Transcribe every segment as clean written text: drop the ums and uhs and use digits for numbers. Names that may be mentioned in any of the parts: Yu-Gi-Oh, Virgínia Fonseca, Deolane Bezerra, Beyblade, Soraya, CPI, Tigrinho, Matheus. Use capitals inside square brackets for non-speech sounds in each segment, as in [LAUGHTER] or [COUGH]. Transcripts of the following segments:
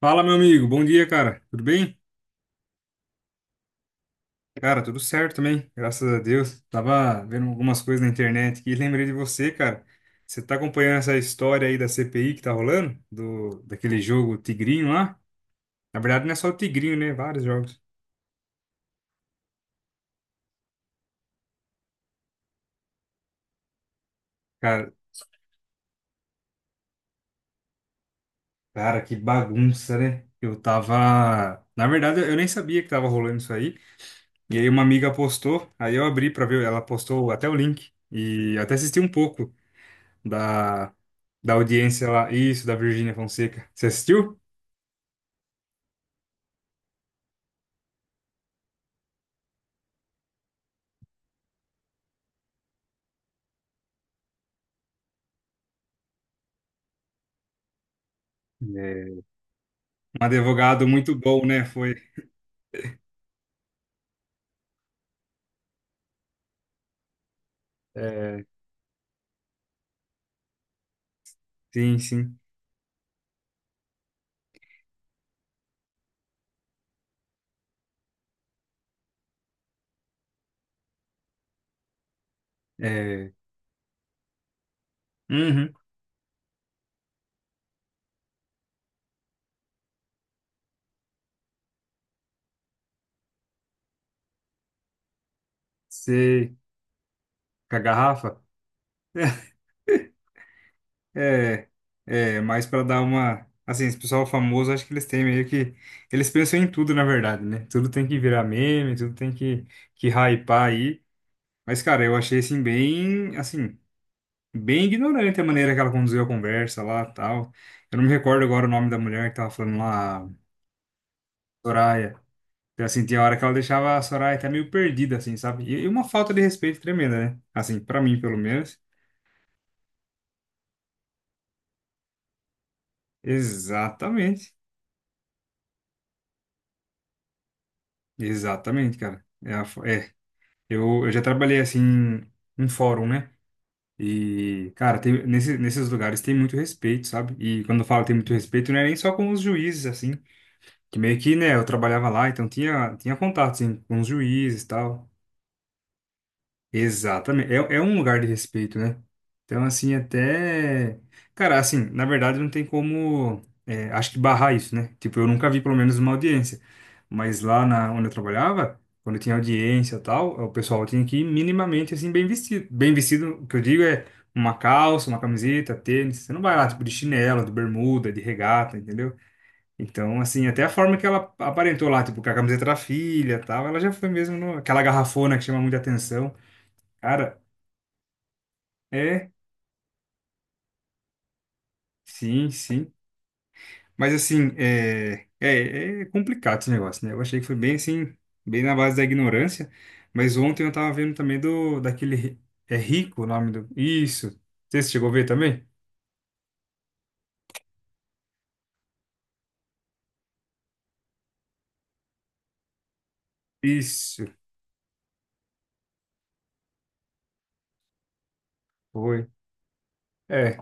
Fala, meu amigo. Bom dia, cara. Tudo bem? Cara, tudo certo também, graças a Deus. Tava vendo algumas coisas na internet aqui e lembrei de você, cara. Você tá acompanhando essa história aí da CPI que tá rolando? Daquele jogo Tigrinho lá? Na verdade, não é só o Tigrinho, né? Vários jogos. Cara, cara, que bagunça, né? Eu tava. Na verdade, eu nem sabia que tava rolando isso aí. E aí, uma amiga postou, aí eu abri pra ver, ela postou até o link. E até assisti um pouco da, da audiência lá. Isso, da Virgínia Fonseca. Você assistiu? É, um advogado muito bom, né? Foi. É, sim, sim. É, uhum, sei. Com a garrafa? [LAUGHS] É, é, mas para dar uma. Assim, esse pessoal famoso, acho que eles têm meio que. Eles pensam em tudo, na verdade, né? Tudo tem que virar meme, tudo tem que hypar aí. Mas, cara, eu achei assim, bem, assim, bem ignorante a maneira que ela conduziu a conversa lá, tal. Eu não me recordo agora o nome da mulher que tava falando lá, Soraya. Eu senti a hora que ela deixava a Soraya até meio perdida, assim, sabe? E uma falta de respeito tremenda, né? Assim, pra mim, pelo menos. Exatamente. Exatamente, cara. É, é. Eu já trabalhei, assim, em fórum, né? E, cara, nesses lugares tem muito respeito, sabe? E quando eu falo tem muito respeito, não é nem só com os juízes, assim. Que meio que, né, eu trabalhava lá, então tinha contato, assim, com os juízes e tal. Exatamente. É, é um lugar de respeito, né? Então, assim, até. Cara, assim, na verdade não tem como. É, acho que barrar isso, né? Tipo, eu nunca vi, pelo menos, uma audiência. Mas lá na, onde eu trabalhava, quando tinha audiência e tal, o pessoal tinha que ir minimamente, assim, bem vestido. Bem vestido, o que eu digo é uma calça, uma camiseta, tênis. Você não vai lá, tipo, de chinelo, de bermuda, de regata, entendeu? Então, assim, até a forma que ela aparentou lá, tipo, com a camiseta da filha e tal, ela já foi mesmo no, aquela garrafona que chama muita atenção. Cara, é, sim, sim. Mas, assim, é. É, é complicado esse negócio, né? Eu achei que foi bem, assim, bem na base da ignorância. Mas ontem eu tava vendo também do, daquele, é Rico o nome do. Isso. Você chegou a ver também? Isso, foi. É.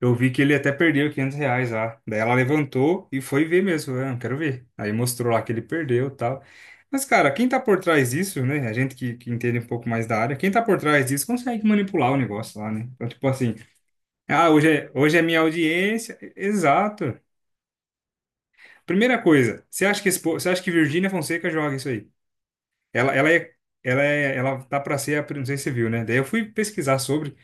Eu vi que ele até perdeu R$ 500 lá. Daí ela levantou e foi ver mesmo. Eu não quero ver. Aí mostrou lá que ele perdeu e tal. Mas, cara, quem tá por trás disso, né? A gente que entende um pouco mais da área, quem tá por trás disso consegue manipular o negócio lá, né? Então, tipo assim, ah, hoje é minha audiência. Exato. Primeira coisa, você acha que, esse você acha que Virgínia Fonseca joga isso aí? Ela é. Ela tá pra ser. Não sei se você viu, né? Daí eu fui pesquisar sobre.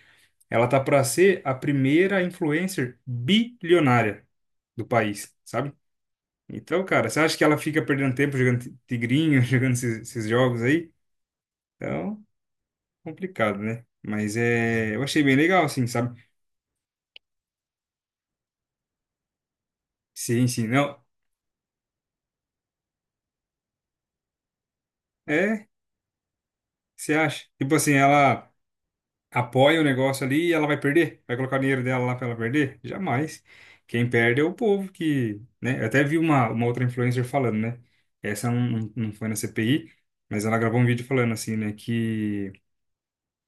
Ela tá para ser a primeira influencer bilionária do país, sabe? Então, cara, você acha que ela fica perdendo tempo jogando tigrinho, [LAUGHS] jogando esses, esses jogos aí? Então, complicado, né? Mas é, eu achei bem legal, assim, sabe? Sim, sim, não. É, você acha? Tipo assim, ela apoia o negócio ali e ela vai perder? Vai colocar o dinheiro dela lá para ela perder? Jamais. Quem perde é o povo que, né? Eu até vi uma outra influencer falando, né? Essa não, não foi na CPI, mas ela gravou um vídeo falando assim, né? Que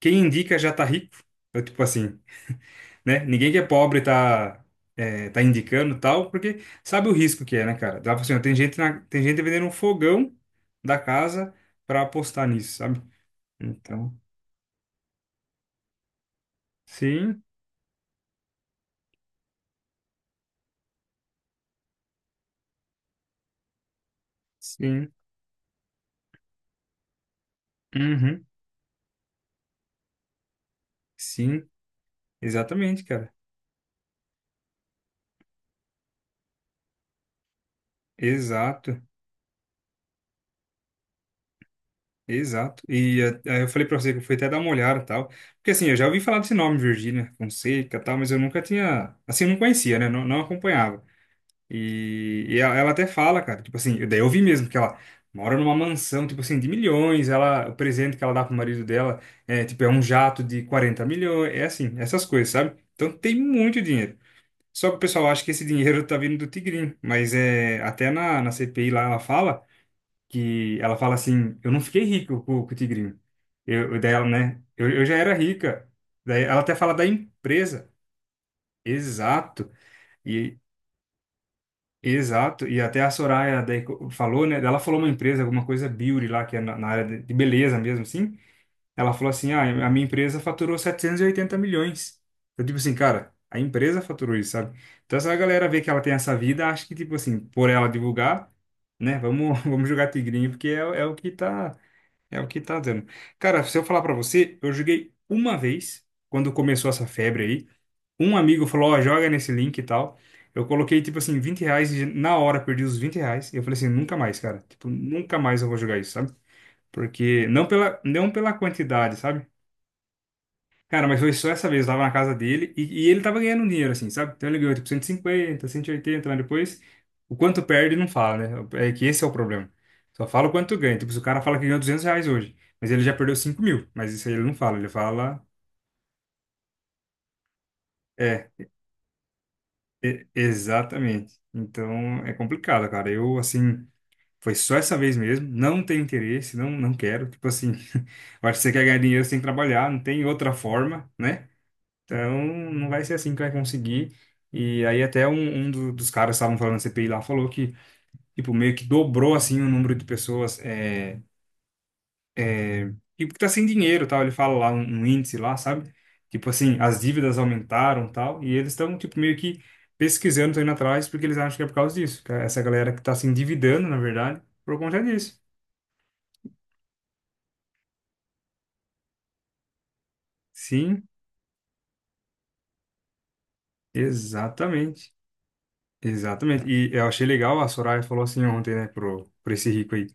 quem indica já tá rico. É tipo assim, né? Ninguém que é pobre tá, é, tá indicando tal, porque sabe o risco que é, né, cara? Ela falou assim, ó, tem gente vendendo um fogão da casa para apostar nisso, sabe? Então, sim, sim. Uhum. Sim, exatamente, cara. Exato, exato. E eh, aí eu falei pra você que eu fui até dar uma olhada e tal. Porque assim, eu já ouvi falar desse nome, Virgínia Fonseca e tal, mas eu nunca tinha. Assim, não conhecia, né? Não, não acompanhava. E ela, ela até fala, cara, tipo assim, daí eu vi mesmo que ela mora numa mansão, tipo assim, de milhões. Ela, o presente que ela dá pro marido dela é, tipo, é um jato de 40 milhões. É assim, essas coisas, sabe? Então tem muito dinheiro. Só que o pessoal acha que esse dinheiro tá vindo do Tigrinho, mas é, até na, na CPI lá ela fala. Que ela fala assim, eu não fiquei rico com o tigrinho. Daí ela, né? Eu já era rica. Daí ela até fala da empresa. Exato. E exato. E até a Soraya daí falou, né? Ela falou uma empresa, alguma coisa beauty lá, que é na área de beleza mesmo, assim. Ela falou assim, ah, a minha empresa faturou 780 milhões. Eu tipo assim, cara, a empresa faturou isso, sabe? Então, essa galera vê que ela tem essa vida, acha que, tipo assim, por ela divulgar, né? Vamos, [LAUGHS] vamos jogar tigrinho, porque é, é o que tá. É o que tá dando. Cara, se eu falar pra você, eu joguei uma vez, quando começou essa febre aí. Um amigo falou, ó, joga nesse link e tal. Eu coloquei, tipo assim, R$ 20 e na hora perdi os R$ 20. E eu falei assim, nunca mais, cara. Tipo, nunca mais eu vou jogar isso, sabe? Porque, não pela, quantidade, sabe? Cara, mas foi só essa vez, eu tava na casa dele e ele tava ganhando dinheiro, assim, sabe? Então ele ganhou tipo 150, 180, mas depois o quanto perde não fala, né? É que esse é o problema. Só fala o quanto ganha. Tipo, se o cara fala que ganhou R$ 200 hoje, mas ele já perdeu 5 mil, mas isso aí ele não fala, ele fala. É, exatamente. Então é complicado, cara. Eu, assim, foi só essa vez mesmo, não tenho interesse, não, não quero. Tipo assim, [LAUGHS] eu acho que você quer ganhar dinheiro, você tem que trabalhar, não tem outra forma, né? Então, não vai ser assim que vai conseguir. E aí até dos caras que estavam falando na CPI lá falou que, tipo, meio que dobrou, assim, o número de pessoas, é, tipo, que tá sem dinheiro, tal. Ele fala lá um índice lá, sabe? Tipo assim, as dívidas aumentaram, tal. E eles estão, tipo, meio que pesquisando, estão indo atrás, porque eles acham que é por causa disso. Que é essa galera que tá se endividando, na verdade, por conta disso. Sim, exatamente. Exatamente. E eu achei legal, a Soraya falou assim ontem, né, pro esse rico aí.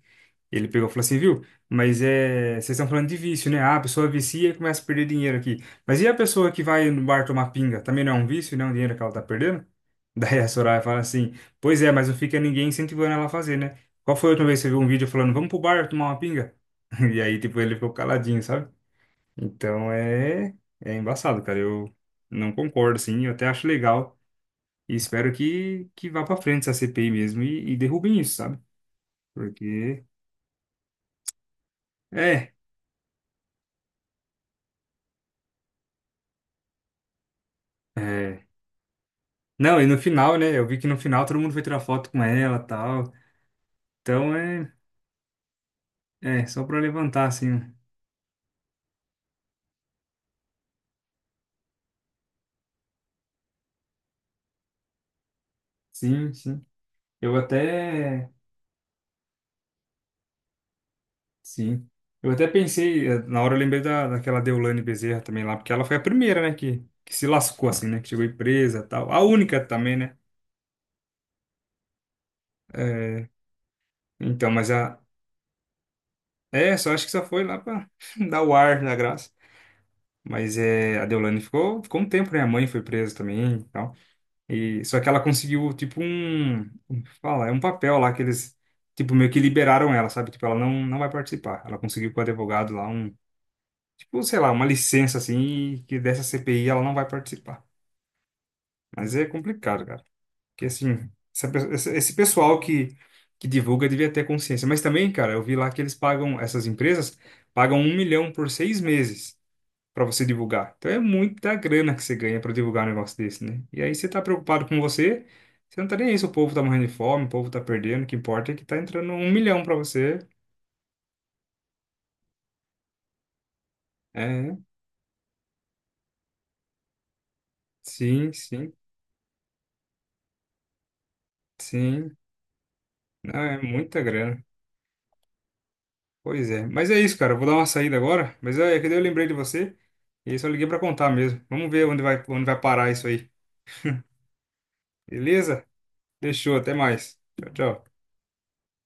Ele pegou e falou assim, viu? Mas é, vocês estão falando de vício, né? Ah, a pessoa vicia e começa a perder dinheiro aqui. Mas e a pessoa que vai no bar tomar pinga? Também não é um vício, não é um dinheiro que ela tá perdendo? [LAUGHS] Daí a Soraya fala assim, pois é, mas não fica ninguém incentivando ela a fazer, né? Qual foi a última vez que você viu um vídeo falando, vamos pro bar tomar uma pinga? [LAUGHS] E aí, tipo, ele ficou caladinho, sabe? Então é embaçado, cara. Eu não concordo, assim. Eu até acho legal e espero que vá pra frente essa CPI mesmo e derrubem isso, sabe? Porque, é. É. Não, e no final, né? Eu vi que no final todo mundo foi tirar foto com ela e tal. Então é, é só pra levantar, assim. Sim, sim. Eu até. Sim. Eu até pensei, eh, na hora eu lembrei da, daquela Deolane Bezerra também lá, porque ela foi a primeira, né, que, se lascou, assim, né? Que chegou em presa e tal. A única também, né? É, então, mas a. É, só acho que só foi lá pra [LAUGHS] dar o ar da graça. Mas é, a Deolane ficou um tempo, né? A mãe foi presa também e tal. E, só que ela conseguiu, tipo, um. Como que fala? É um papel lá que eles, tipo, meio que liberaram ela, sabe? Tipo, ela não, não vai participar. Ela conseguiu com o advogado lá um, tipo, sei lá, uma licença, assim, que dessa CPI ela não vai participar. Mas é complicado, cara. Porque, assim, esse pessoal que divulga devia ter consciência. Mas também, cara, eu vi lá que eles pagam, essas empresas pagam um milhão por 6 meses para você divulgar. Então é muita grana que você ganha para divulgar um negócio desse, né? E aí você tá preocupado com você, você não tá nem aí se o povo tá morrendo de fome, o povo tá perdendo, o que importa é que tá entrando um milhão para você. É, sim, sim, sim. Não, é muita grana. Pois é. Mas é isso, cara. Eu vou dar uma saída agora, mas é que daí eu lembrei de você e aí só liguei para contar mesmo. Vamos ver onde vai parar isso aí. Beleza? Deixou, até mais. Tchau, tchau.